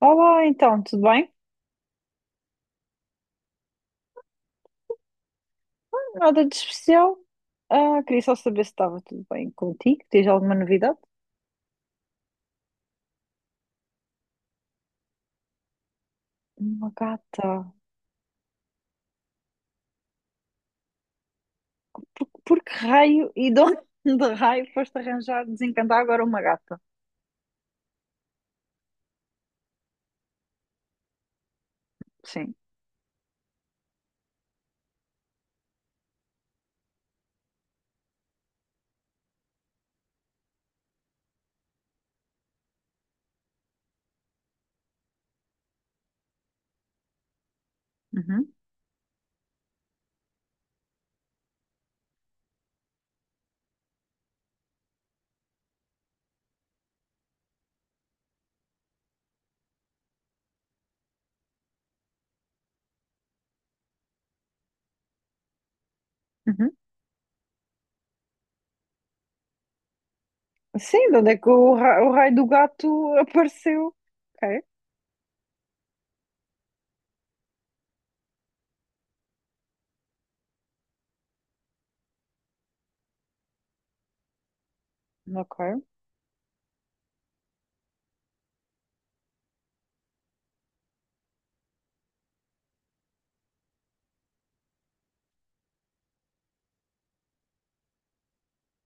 Olá, então, tudo bem? Nada de especial. Ah, queria só saber se estava tudo bem contigo. Tens alguma novidade? Uma gata. Por que raio e de onde de raio foste arranjar, desencantar agora uma gata? Sim. Uhum, uhum. Sim, de onde é que o raio do gato apareceu? Ok, ok.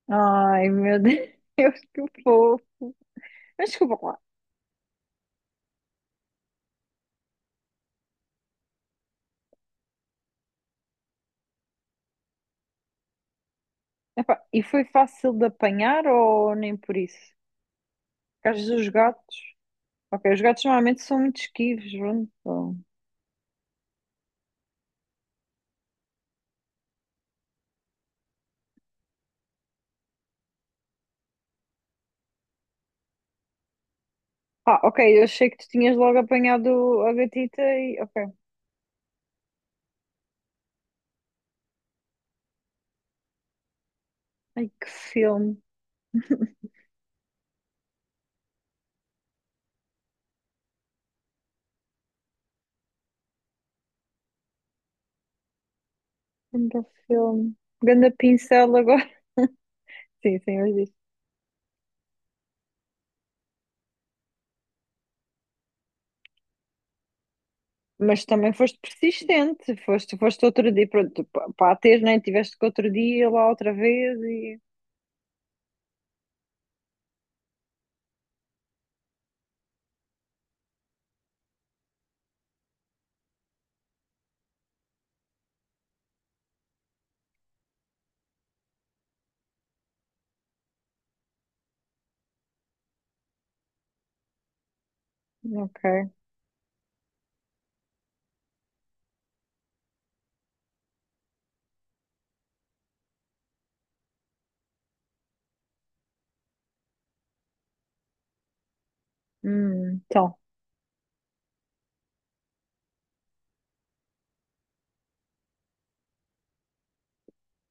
Ai, meu Deus, que fofo. Mas desculpa lá. Epá, e foi fácil de apanhar ou nem por isso? Porque às vezes os gatos. Ok, os gatos normalmente são muito esquivos, pronto. Então. Ah, ok, eu achei que tu tinhas logo apanhado a gatita e. Ok. Ai, que filme. Ganda filme. Ganda pincel agora. Sim, sim, mas disse. Mas também foste persistente. Foste outro dia. Pronto, pá, tens, né? Tiveste que outro dia lá outra vez e. Ok. Então.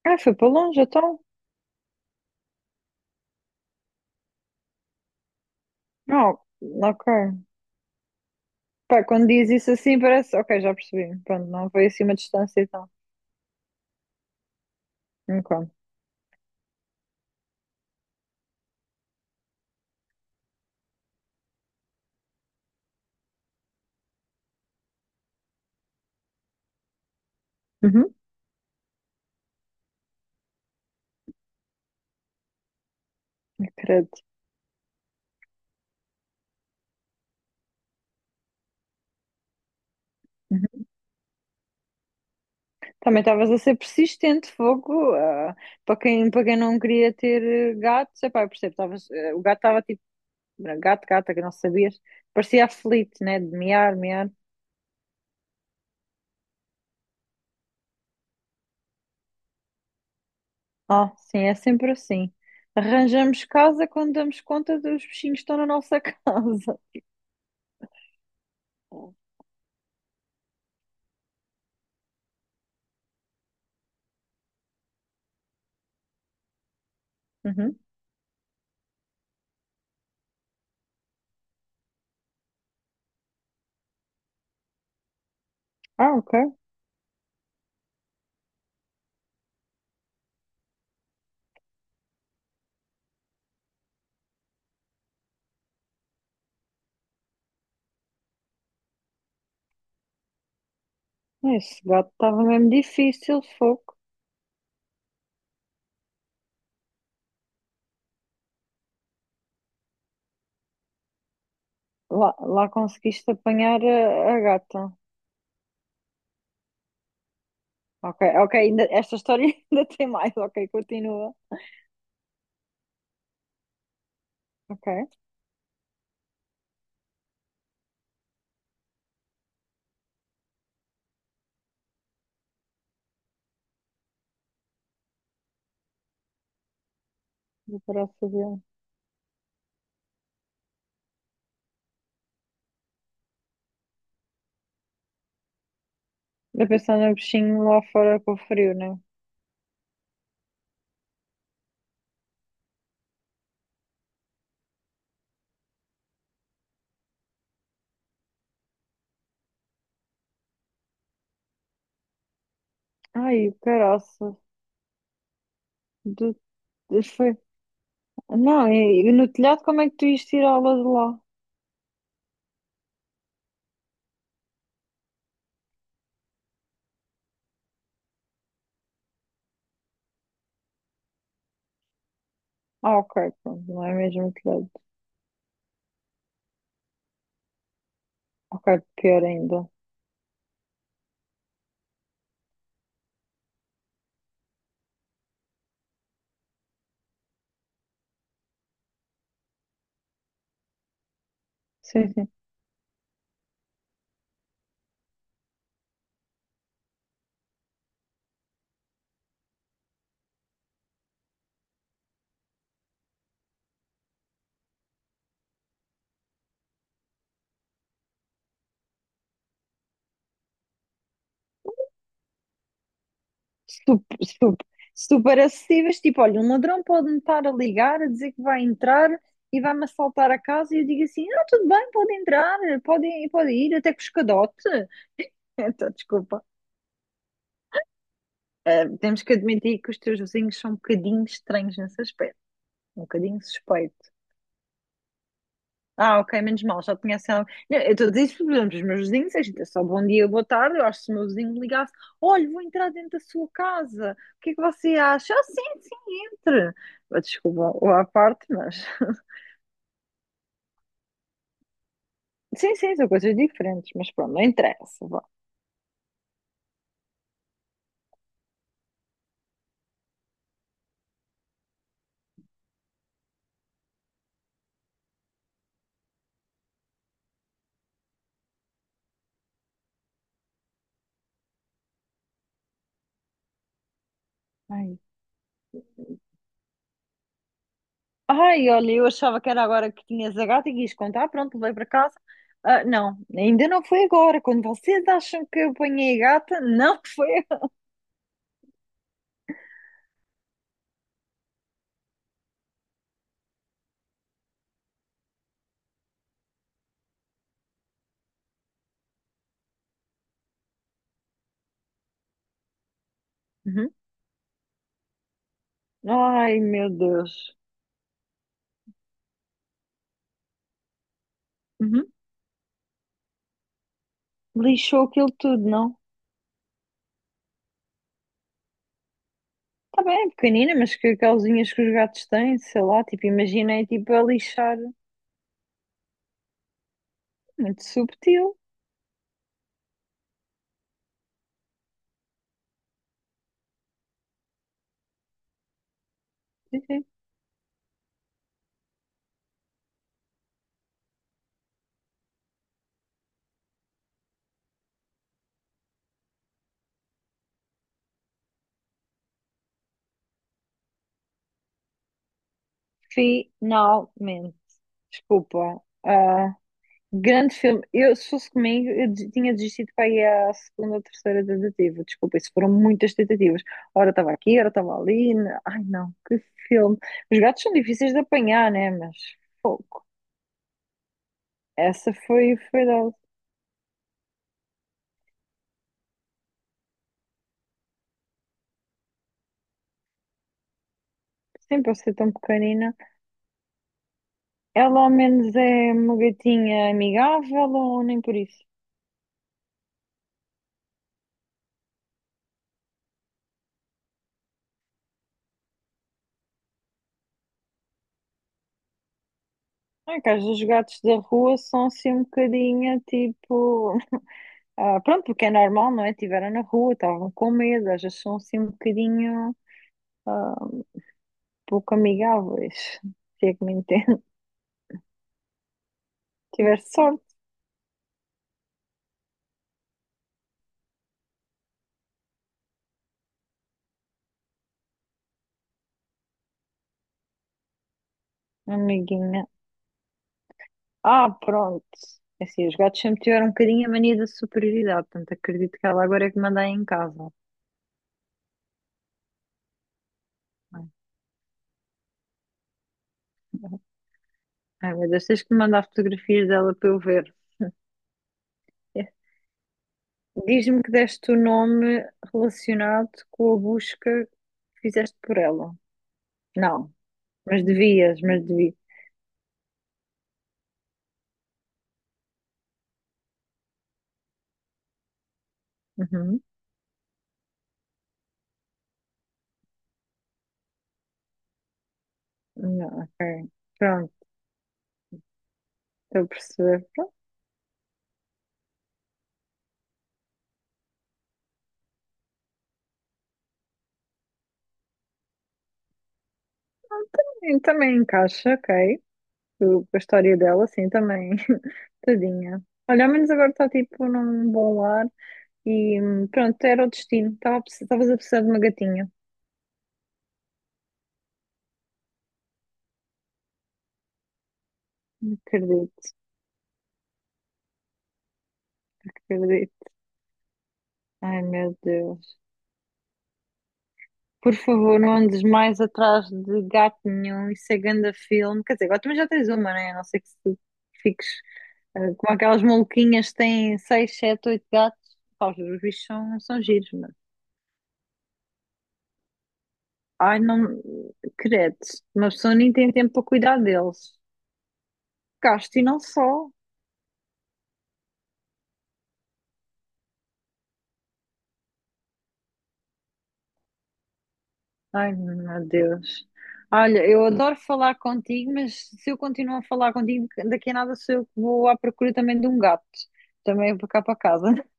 Ah, foi para longe, então. Não, ok. Pá, quando diz isso assim parece. Ok, já percebi. Pronto, não foi assim uma distância, então. Ok. Uhum. Credo. Também estavas a ser persistente, fogo. Para quem não queria ter gatos, epá, eu percebo, o gato estava tipo, gato, gata, que não sabias, parecia aflito, né? De miar, miar. Ah, sim, é sempre assim. Arranjamos casa quando damos conta dos bichinhos que estão na nossa casa. Uhum. Ah, ok. Esse gato estava mesmo difícil, fogo. Lá conseguiste apanhar a gata. Ok, ok, esta história ainda tem mais, ok, continua. Ok. Vou parar de fazer. Eu pensar no bichinho lá fora com o frio, né? Ai, o caraça. Do... Foi... Não, e no telhado como é que tu ias tirá-la de lá? Ah, ok, pronto, não é mesmo o telhado. Ok, pior ainda. Sim, sim. Super, super, super acessíveis. Tipo, olha, um ladrão pode-me estar a ligar, a dizer que vai entrar e vai-me assaltar a casa e eu digo assim, ah, tudo bem, pode entrar, pode ir, até com os cadote. Então, desculpa. Temos que admitir que os teus vizinhos são um bocadinho estranhos nessas aspecto. Um bocadinho suspeito. Ah, ok, menos mal, já tinha sido. Não, eu estou a dizer isso, por exemplo, os meus vizinhos, é gente, é só bom dia, boa tarde. Eu acho que se o meu vizinho me ligasse, olha, vou entrar dentro da sua casa, o que é que você acha? Ah, sim, sim, entre. Ah, desculpa o à parte, mas. Sim, sim, são coisas diferentes, mas pronto, não interessa. Vá. Ai, Ai, olha, eu achava que era agora que tinhas a gata e quis contar, pronto, levei para casa. Ah, não, ainda não foi agora. Quando vocês acham que eu apanhei a gata, não foi agora. Uhum. Ai, meu Deus. Uhum. Lixou aquilo tudo, não? Tá bem, é pequenina, mas que causinhas que os gatos têm, sei lá, tipo, imaginei tipo a lixar. Muito subtil. Finalmente. Desculpa. Ah, grande filme. Eu, se fosse comigo, tinha desistido para ir à segunda ou terceira tentativa. Desculpa, isso foram muitas tentativas. Ora estava aqui, ora estava ali. Ai não, que filme. Os gatos são difíceis de apanhar, né? Mas pouco. Essa foi dada. Sempre a ser tão pequenina. Ela ao menos é uma gatinha amigável ou nem por isso? Não é que às vezes os gatos da rua são assim um bocadinho tipo. Pronto, porque é normal, não é? Estiveram na rua, estavam com medo, às vezes são assim um bocadinho ah, pouco amigáveis, se é que me entende. tiver sorte, amiguinha. Ah, pronto. É assim, os gatos sempre tiveram um bocadinho a mania da superioridade, portanto acredito que ela agora é que manda aí em casa. Não é? Ai meu Deus, tens que me mandar fotografias dela para eu ver. Diz-me que deste o nome relacionado com a busca que fizeste por ela. Não, mas devias, mas devias. Uhum. Não, ok. Pronto, estou a perceber. E também encaixa, ok. Com a história dela, sim, também. Tadinha. Olha, ao menos agora está tipo num bom lar e pronto, era o destino. Estavas a precisar de uma gatinha. Acredito, acredito. Ai, meu Deus. Por favor, não andes mais atrás de gato nenhum, isso é ganda filme. Quer dizer, agora também já tens uma, né? A não ser que tu fiques como aquelas maluquinhas que têm seis, sete, oito gatos. Pá, os bichos são giros, mas. Ai, não. Credo, uma pessoa nem tem tempo para cuidar deles. Gasto e não só. Ai, meu Deus. Olha, eu adoro falar contigo, mas se eu continuo a falar contigo, daqui a nada sou eu que vou à procura também de um gato. Também para cá para casa.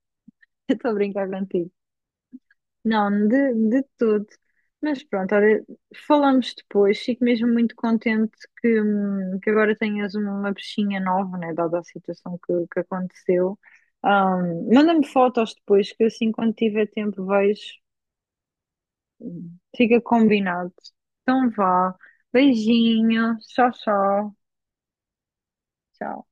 Estou a brincar contigo. Não, de todo. Mas pronto, olha, falamos depois. Fico mesmo muito contente que agora tenhas uma peixinha nova, né? Dada a situação que aconteceu. Manda-me fotos depois, que assim quando tiver tempo vejo. Fica combinado. Então vá. Beijinho. Tchau, tchau. Tchau.